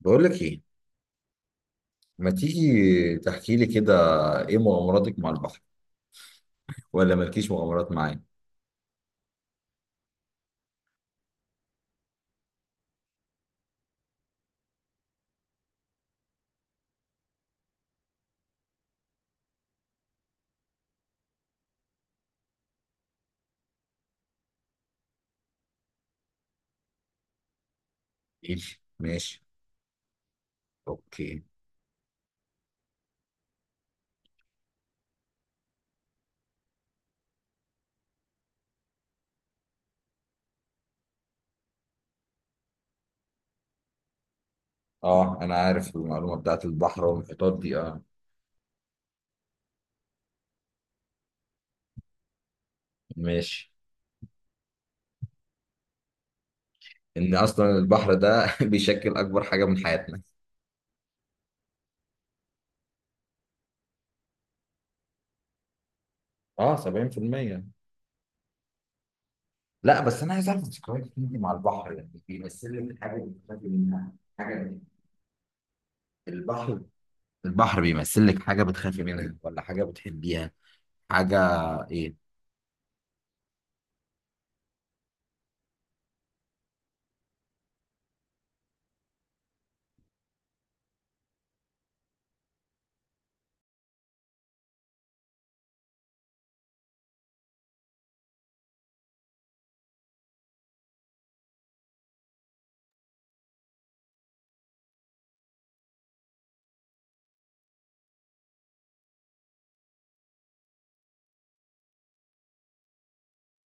بقول لك ايه. ما تيجي تحكي لي كده. ايه مغامراتك مع البحر؟ ولا مالكيش مغامرات معايا؟ ماشي، ماشي. اوكي. اه، انا عارف المعلومه بتاعت البحر والمحيطات دي، اه. ماشي. ان اصلا البحر ده بيشكل اكبر حاجه من حياتنا. اه، 70%. لا، بس انا عايز اعرف ذكرياتك انت مع البحر، يعني بيمثل لك حاجه بتخافي منها؟ حاجه؟ البحر البحر بيمثل لك حاجه بتخافي منها، ولا حاجه بتحبيها؟ حاجه؟ ايه؟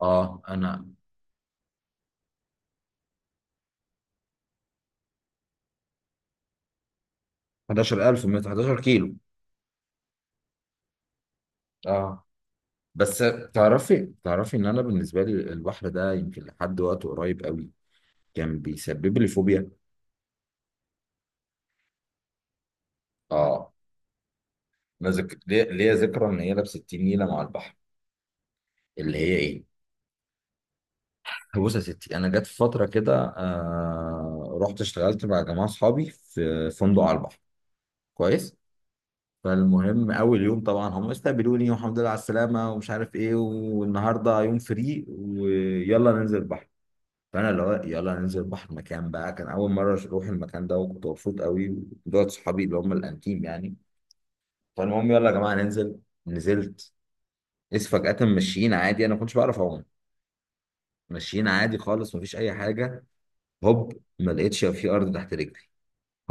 اه، انا 11000، من 11 كيلو، اه. بس. تعرفي ان انا بالنسبه لي البحر ده يمكن لحد وقت قريب قوي كان بيسبب لي فوبيا. اه. ليا ذكرى ان هي لابسه 60 نيله مع البحر. اللي هي ايه؟ بص يا ستي، انا جت فتره كده، رحت اشتغلت مع جماعه اصحابي في فندق على البحر. كويس. فالمهم، اول يوم طبعا هم استقبلوني والحمد لله على السلامه، ومش عارف ايه، والنهارده يوم فري ويلا ننزل البحر. فانا اللي هو يلا ننزل بحر، مكان بقى كان اول مره اروح المكان ده، وكنت مبسوط قوي. ودول صحابي اللي هم الانتيم يعني. فالمهم، يلا يا جماعه ننزل. نزلت. اس فجاه، ماشيين عادي، انا ما كنتش بعرف اعوم. ماشيين عادي خالص، مفيش اي حاجه. هوب، ما لقيتش في ارض تحت رجلي.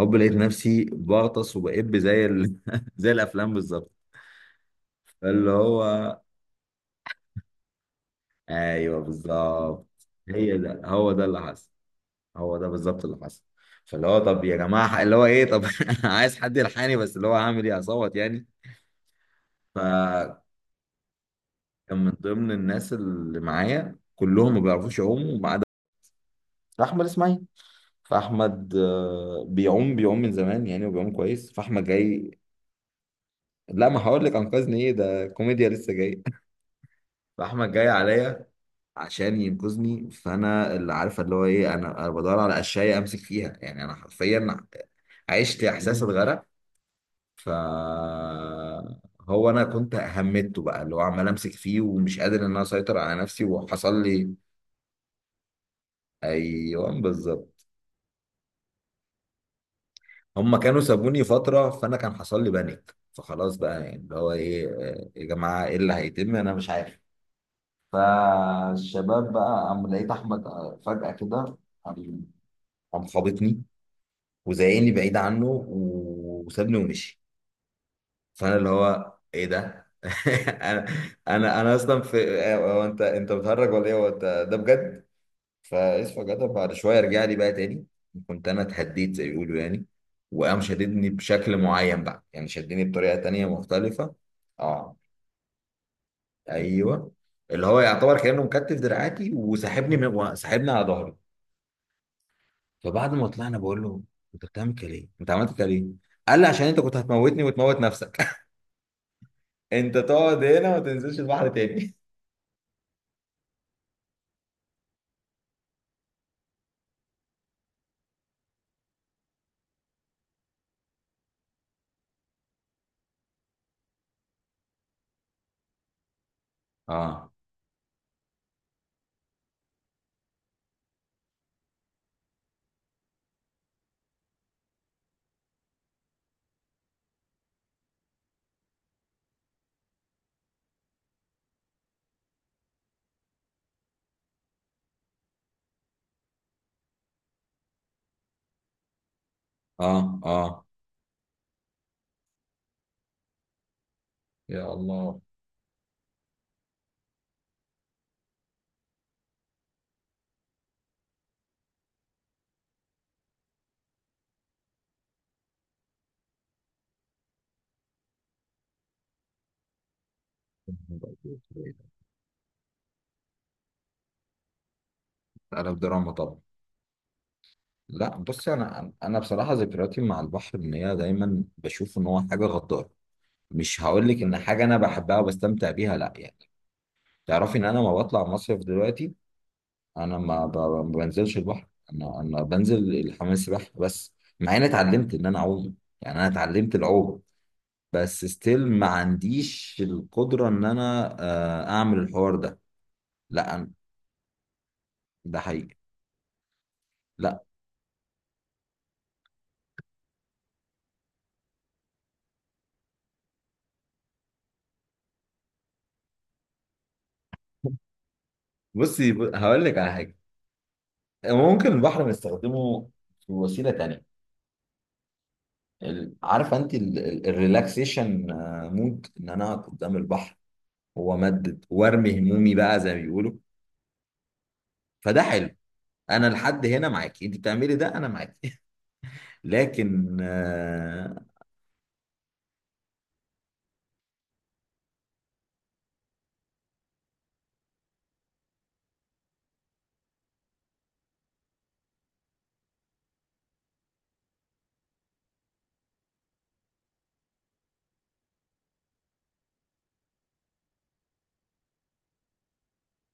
هوب، لقيت نفسي بغطس وبقب زي زي الافلام بالظبط. اللي هو ايوه بالظبط. هي ده هو ده اللي حصل. هو ده بالظبط اللي حصل. فاللي هو طب يا جماعه اللي هو ايه، طب عايز حد يلحقني، بس اللي هو هعمل ايه، اصوت يعني؟ فكان من ضمن الناس اللي معايا كلهم ما بيعرفوش يعوموا ما عدا احمد اسماعيل. فاحمد بيعوم بيعوم من زمان يعني، وبيعوم كويس. فاحمد جاي. لا، ما هقول لك انقذني. ايه ده، كوميديا لسه جاي. فاحمد جاي عليا عشان ينقذني. فانا اللي عارفه اللي هو ايه، انا بدور على اشياء امسك فيها، يعني انا حرفيا عشت احساس الغرق. ف، هو انا كنت همدته بقى، اللي هو عمال امسك فيه، ومش قادر ان انا اسيطر على نفسي، وحصل لي. ايوه بالظبط. هما كانوا سابوني فتره، فانا كان حصل لي بانيك، فخلاص بقى، يعني اللي هو ايه، يا جماعه ايه اللي هيتم، انا مش عارف. فالشباب بقى قام، لقيت احمد، فجاه كده. قام. قام خابطني وزعقني بعيد عنه، وسابني ومشي. فانا اللي هو ايه ده. انا انا اصلا في... هو انت انت بتهرج ولا ايه؟ هو انت، ده بجد. فاسف جدع، بعد شويه رجع لي بقى تاني. كنت انا اتهديت زي ما بيقولوا يعني. وقام شددني بشكل معين بقى، يعني شدني بطريقه تانيه مختلفه. اه. ايوه. اللي هو يعتبر كانه مكتف دراعاتي، وسحبني من، وسحبني على ظهري. فبعد ما طلعنا بقول له: انت بتعمل كده ليه؟ انت عملت كده ليه؟ قال لي: عشان انت كنت هتموتني وتموت نفسك. انت تقعد هنا وما تنزلش البحر تاني. اه، اه، اه. يا الله. قلب دراما طبعا. لا بص، انا بصراحه ذكرياتي مع البحر ان هي دايما بشوف ان هو حاجه غداره. مش هقول لك ان حاجه انا بحبها وبستمتع بيها، لا يعني. تعرفي ان انا ما بطلع مصيف دلوقتي. انا ما بنزلش البحر. انا بنزل الحمام السباحه بس. مع اني اتعلمت ان انا اعوم، يعني انا اتعلمت العوم. بس ستيل ما عنديش القدره ان انا، اعمل الحوار ده. لا أنا- ده حقيقي. هقول لك على حاجه. ممكن البحر بنستخدمه في وسيله تانية. عارفه انت الريلاكسيشن مود ان انا اقعد قدام البحر، وامدد وارمي همومي بقى زي ما بيقولوا. فده حلو. انا لحد هنا معاكي، انت بتعملي ده انا معاكي. لكن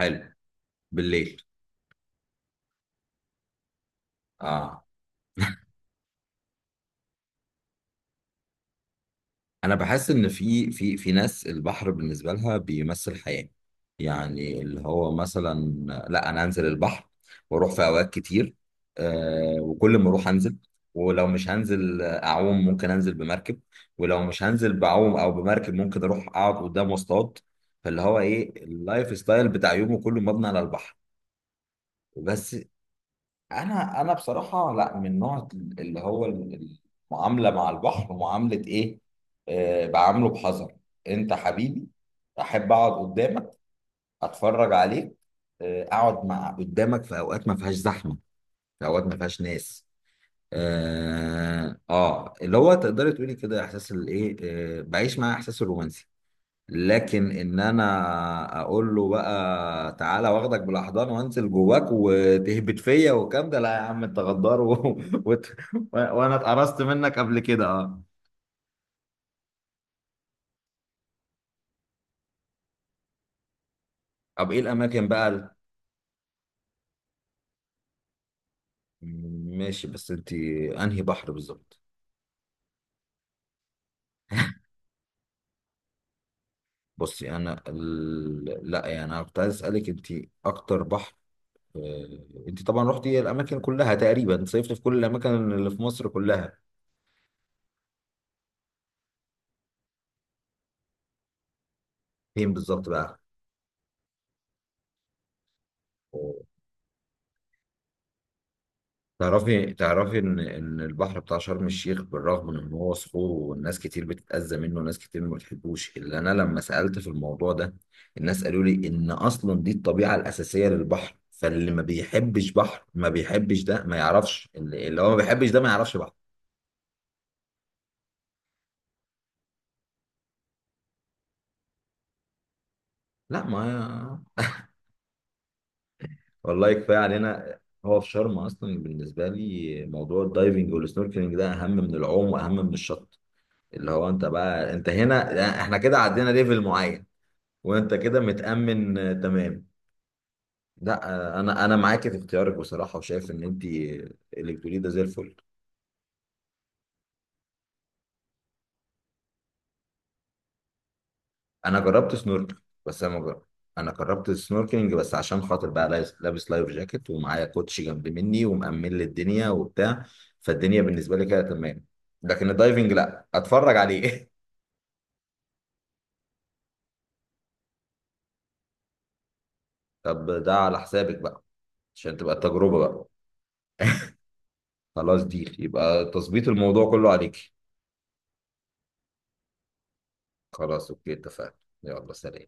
حلو. بالليل. اه. انا بحس ان في ناس البحر بالنسبه لها بيمثل حياه. يعني اللي هو مثلا. لا، انا انزل البحر واروح في اوقات كتير. آه، وكل ما اروح انزل. ولو مش هنزل اعوم ممكن انزل بمركب. ولو مش هنزل بعوم او بمركب ممكن اروح اقعد قدام واصطاد. فاللي هو ايه، اللايف ستايل بتاع يومه كله مبني على البحر. بس انا بصراحه، لا، من نوع اللي هو المعامله مع البحر معامله ايه، آه، بعامله بحذر. انت حبيبي، احب اقعد قدامك، اتفرج عليك، آه، اقعد مع قدامك في اوقات ما فيهاش زحمه، في اوقات ما فيهاش ناس. اللي هو تقدري تقولي كده احساس الايه، آه، بعيش مع احساس الرومانسي. لكن ان انا اقول له بقى تعالى واخدك بالاحضان وانزل جواك وتهبط فيا والكلام ده، لا يا عم انت غدار و... وت... وانا اتقرصت منك قبل كده، اه. طب ايه الاماكن بقى؟ ماشي، بس انت، انهي بحر بالظبط؟ لا يعني، انا كنت عايز اسالك انت، اكتر بحر، انت طبعا رحتي الاماكن كلها تقريبا، صيفت في كل الاماكن اللي في مصر كلها. فين بالظبط بقى؟ تعرفي ان البحر بتاع شرم الشيخ، بالرغم من ان هو صخور والناس كتير بتتأذى منه وناس كتير ما بتحبوش، الا انا لما سألت في الموضوع ده، الناس قالوا لي ان اصلا دي الطبيعة الأساسية للبحر، فاللي ما بيحبش بحر ما بيحبش ده ما يعرفش، اللي هو ما بيحبش ده ما يعرفش بحر. لا، ما والله كفاية علينا. هو في شرم، اصلا بالنسبة لي موضوع الدايفنج والسنوركلينج ده اهم من العوم واهم من الشط. اللي هو انت بقى انت هنا، احنا كده عدينا ليفل معين. وانت كده متأمن، تمام. لا. انا معاك في اختيارك بصراحة، وشايف ان انت الكتروني ده زي الفل. انا جربت سنوركل. بس انا ما جربت. انا جربت السنوركلينج بس عشان خاطر بقى لابس لايف جاكيت، ومعايا كوتش جنب مني ومأمن لي الدنيا وبتاع. فالدنيا بالنسبة لي كده تمام. لكن الدايفنج لا، اتفرج عليه. طب ده على حسابك بقى، عشان تبقى التجربة بقى. خلاص، دي يبقى تظبيط الموضوع كله عليك. خلاص، اوكي، اتفقنا. يلا، سلام.